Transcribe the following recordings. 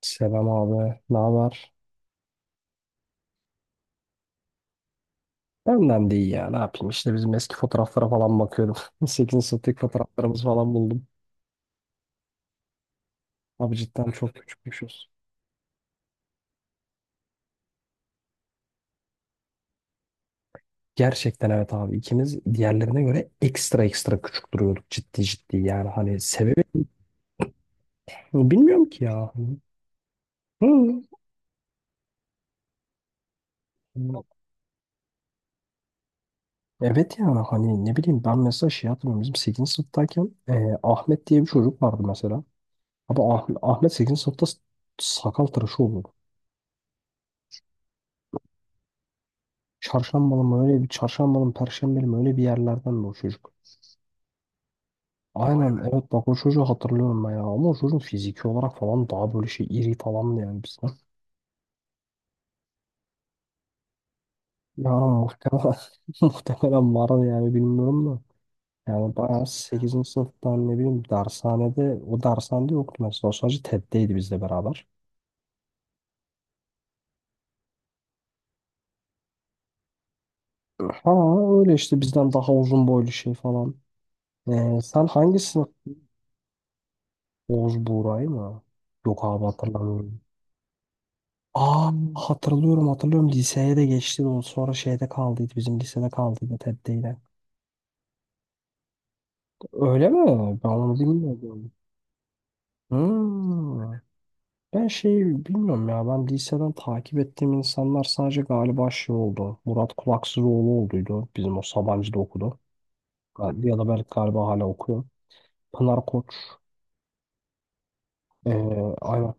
Selam abi. Ne haber? Benden de iyi ya. Ne yapayım? İşte bizim eski fotoğraflara falan bakıyordum. 8. sınıftaki fotoğraflarımız falan buldum. Abi cidden çok küçükmüşüz. Gerçekten evet abi. İkimiz diğerlerine göre ekstra ekstra küçük duruyorduk. Ciddi ciddi yani. Hani sebebi bilmiyorum ki ya. Hı. Evet ya hani ne bileyim ben mesela şey hatırlıyorum. Bizim 8. sınıftayken Ahmet diye bir çocuk vardı mesela. Abi Ahmet 8. sınıfta sakal tıraşı oldu. Çarşambalı mı öyle bir çarşambalı mı perşembeli mi öyle bir yerlerden de o çocuk. Vay aynen be. Evet bak o çocuğu hatırlıyorum ben ya, ama o çocuğun fiziki olarak falan daha böyle şey iri falan da, yani bizden. Yani muhtemelen, muhtemelen vardı yani, bilmiyorum da. Yani bayağı sekizinci sınıftan ne bileyim, dershanede o dershanede yoktu mesela, o sadece TED'deydi bizle beraber. Ha öyle işte, bizden daha uzun boylu şey falan. Sen hangi sınıf? Oğuz Buğra'yı mı? Yok abi, hatırlamıyorum. Aa, hatırlıyorum hatırlıyorum, liseye de geçti de o sonra şeyde kaldıydı, bizim lisede kaldıydı, TED'deydi. Öyle mi? Ben onu bilmiyordum. Hmm. Ben şeyi bilmiyorum ya, ben liseden takip ettiğim insanlar sadece galiba şey oldu. Murat Kulaksızoğlu olduydu, bizim o Sabancı'da okudu. Ya da belki galiba hala okuyor. Pınar Koç. Ee, aynen.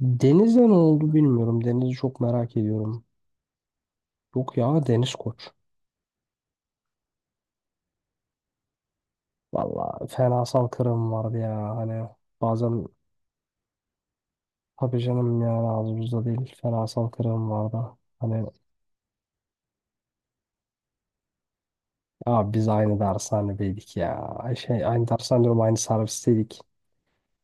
Deniz'de ne oldu bilmiyorum. Deniz'i çok merak ediyorum. Yok ya, Deniz Koç. Valla fenasal kırım vardı ya hani. Bazen tabii canım, yani ağzımızda değil. Ferasal kırım vardı. Hani ya biz aynı dershanedeydik ya. Ay şey, aynı dershane diyorum, aynı servisteydik.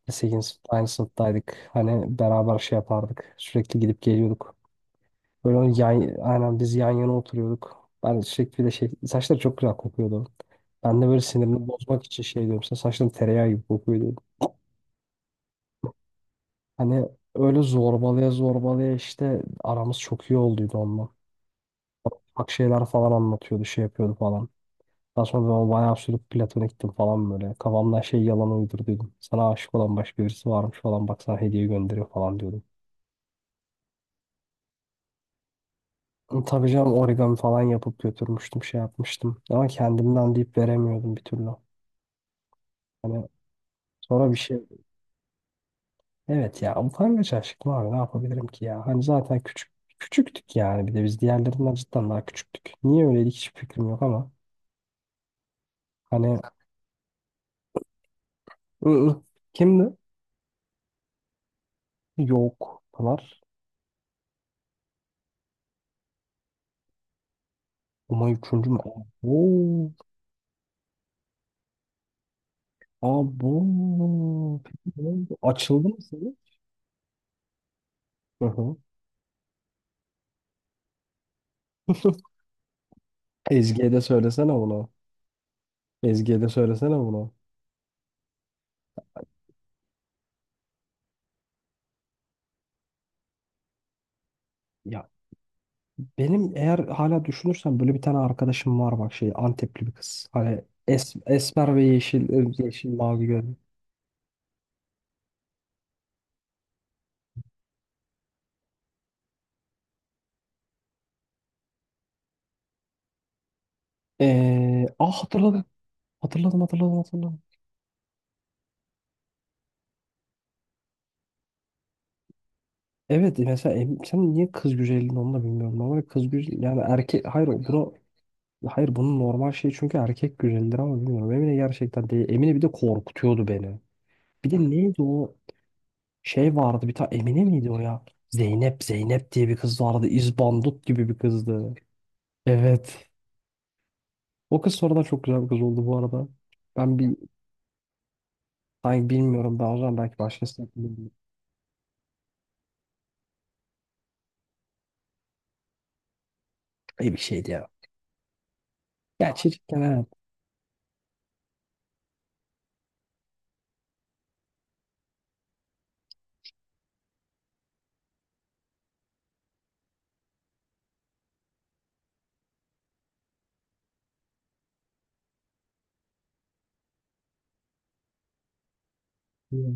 Lise sınıfta aynı sınıftaydık. Hani beraber şey yapardık. Sürekli gidip geliyorduk. Böyle onun aynen biz yan yana oturuyorduk. Ben sürekli bir de şey, saçları çok güzel kokuyordu. Ben de böyle sinirini bozmak için şey diyorum, sen saçların tereyağı gibi kokuyor diyordum. Hani öyle zorbalaya zorbalaya işte, aramız çok iyi olduydu onunla. Bak şeyler falan anlatıyordu, şey yapıyordu falan. Daha sonra ben bayağı sürüp Platon'a gittim falan böyle. Kafamdan şey yalan uydurduydum. Sana aşık olan başka birisi varmış falan, bak sana hediye gönderiyor falan diyordum. Tabii canım, origami falan yapıp götürmüştüm, şey yapmıştım. Ama kendimden deyip veremiyordum bir türlü. Hani sonra bir şey, evet ya, utangaç aşık var, ne yapabilirim ki ya. Hani zaten küçük küçüktük yani, bir de biz diğerlerinden cidden daha küçüktük. Niye öyleydik hiç fikrim yok ama. Hani ı-ı. Kimdi? Yok. Pınar. Umay üçüncü mü? Oo. Abo. Peki ne oldu? Açıldı mı senin? Hı hı. Ezgi'ye de söylesene bunu. Ezgi'ye de söylesene bunu. Ya benim eğer hala düşünürsem böyle bir tane arkadaşım var bak, şey Antepli bir kız. Hani esmer ve yeşil, yeşil mavi gözlü. Ah hatırladım. Hatırladım hatırladım hatırladım. Evet mesela sen niye kız güzelliğini, onu da bilmiyorum. Normal kız güzel yani, erkek hayır, bunu, hayır bunun normal şey, çünkü erkek güzeldir ama bilmiyorum. Emine gerçekten değil. Emine bir de korkutuyordu beni. Bir de neydi o şey, vardı bir tane Emine miydi o ya? Zeynep Zeynep diye bir kız vardı. İzbandut gibi bir kızdı. Evet. O kız sonradan çok güzel bir kız oldu bu arada. Ben bir, sanki bilmiyorum, daha o zaman belki başkasını bilmiyorum. İyi bir şeydi ya. Ya çocukken evet. Hmm.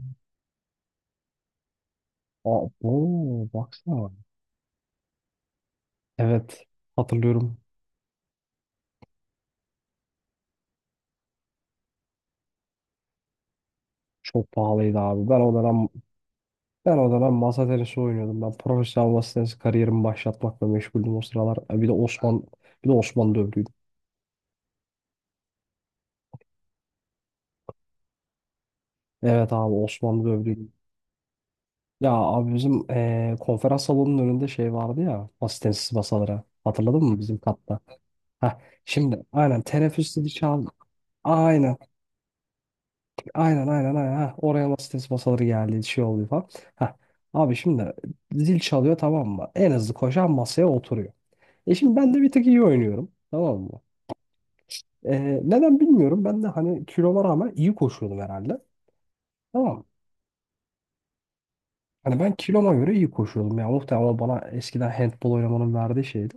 Aa, oo, baksana. Evet. Hatırlıyorum. Çok pahalıydı abi. Ben o dönem masa tenisi oynuyordum. Ben profesyonel masa tenisi kariyerimi başlatmakla meşguldüm o sıralar. Bir de Osman dövdü. Evet abi, Osmanlı dövdü. Ya abi bizim konferans salonunun önünde şey vardı ya, asistensiz masalara. Hatırladın mı bizim katta? Heh, şimdi aynen teneffüs zili çaldı. Aynen aynen aynen aynen. Heh, oraya asistensiz masaları geldi, şey oluyor falan. Heh, abi şimdi zil çalıyor tamam mı? En hızlı koşan masaya oturuyor. Şimdi ben de bir tık iyi oynuyorum tamam mı? Neden bilmiyorum, ben de hani kiloma rağmen iyi koşuyordum herhalde. Tamam. Hani ben kiloma göre iyi koşuyordum. Yani muhtemelen o bana eskiden handbol oynamanın verdiği şeydi.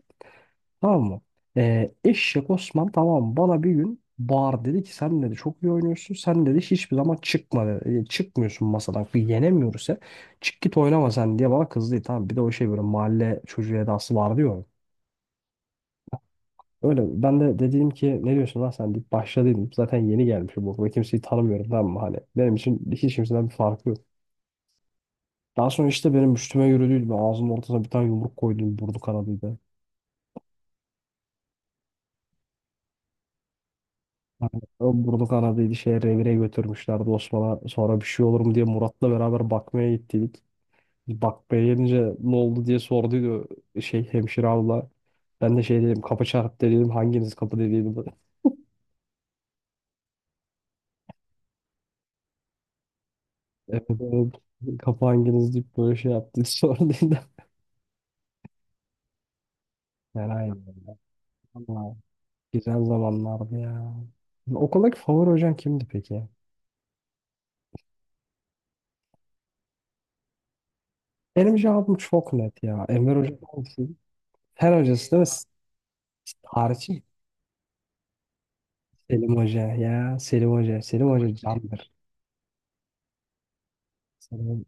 Tamam mı? Eşek Osman tamam mı? Bana bir gün bağır dedi ki, sen dedi çok iyi oynuyorsun. Sen dedi hiçbir zaman çıkma dedi. Çıkmıyorsun masadan. Yenemiyoruz ya. Çık git oynama sen diye bana kızdı. Tamam, bir de o şey, böyle mahalle çocuğu edası vardı ya onun. Öyle ben de dedim ki, ne diyorsun lan sen deyip başladıydım. Zaten yeni gelmişim bu okula. Kimseyi tanımıyorum tamam mı? Hani benim için hiç kimseden bir farkı yok. Daha sonra işte benim üstüme yürüdüydü. Ben ağzımın ortasına bir tane yumruk koydum. Burdu kanadıydı. Yani o burdu kanadıydı. Şeye, revire götürmüşlerdi Osman'a. Sonra bir şey olur mu diye Murat'la beraber bakmaya gittik. Bakmaya gelince ne oldu diye sorduydu şey, hemşire abla. Ben de şey dedim, kapı çarptı dedim. Hanginiz kapı dediydi. Evet, evet. Kapı hanginiz deyip böyle şey yaptı. Sorduydu. Yani aynen öyle. Ama güzel zamanlardı ya. Okuldaki favori hocan kimdi peki? Benim cevabım çok net ya. Enver Hoca hangisi? Fen hocası değil mi? Tarihçi Selim Hoca ya. Selim Hoca. Selim Hoca candır. Selim,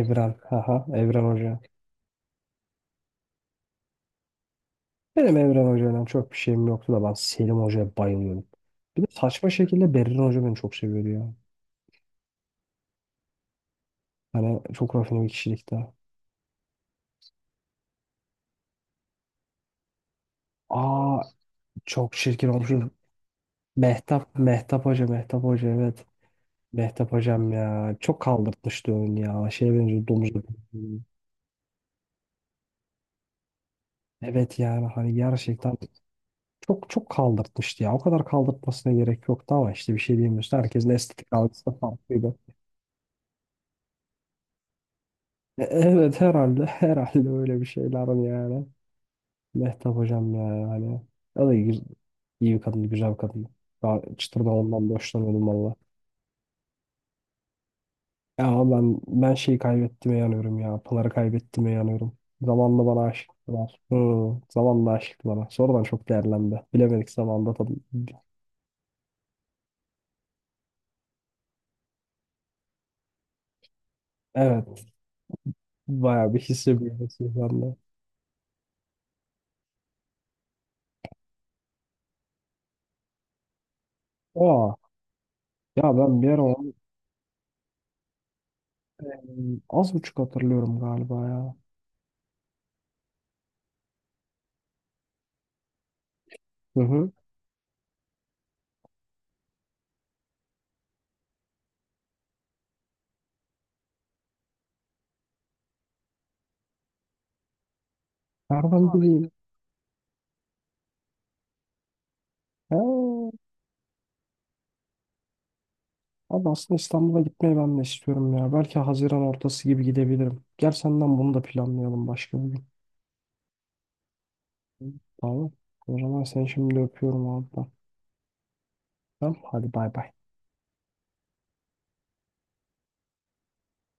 Evren. Haha, Evren Hoca. Benim Evren Hoca'yla çok bir şeyim yoktu da ben Selim Hoca'ya bayılıyorum. Bir de saçma şekilde Berrin Hoca beni çok seviyordu ya. Hani çok rafine bir kişilikte. Aa, çok çirkin olmuşum. Mehtap Hoca, Mehtap Hoca evet. Mehtap Hocam ya. Çok kaldırtmıştı oyunu ya. Şeye benziyor, domuz. Evet yani hani gerçekten çok çok kaldırtmıştı ya. O kadar kaldırtmasına gerek yoktu ama işte bir şey diyemiyorsun. Herkesin estetik algısı da farklıydı. Evet herhalde, herhalde öyle bir şeylerin yani. Mehtap hocam ya yani. O da iyi, iyi bir kadın, güzel bir kadın. Daha çıtırdan ondan da hoşlanıyordum valla. Ya ben şeyi kaybettiğime yanıyorum ya. Pınar'ı kaybettiğime yanıyorum. Zamanla bana aşıktılar. Hı, zamanla aşıktı bana. Sonradan çok değerlendi. Bilemedik zamanda tabii. Evet. Bayağı bir hisse büyümesi bende. Ya ben bir ara onu, az buçuk hatırlıyorum galiba ya. Hı hı. Nereden abi bileyim? Ha, abi aslında İstanbul'a gitmeyi ben de istiyorum ya. Belki Haziran ortası gibi gidebilirim. Gel senden bunu da planlayalım başka bir gün. Tamam. O zaman seni şimdi öpüyorum abi. Ben. Tamam. Hadi bay bay.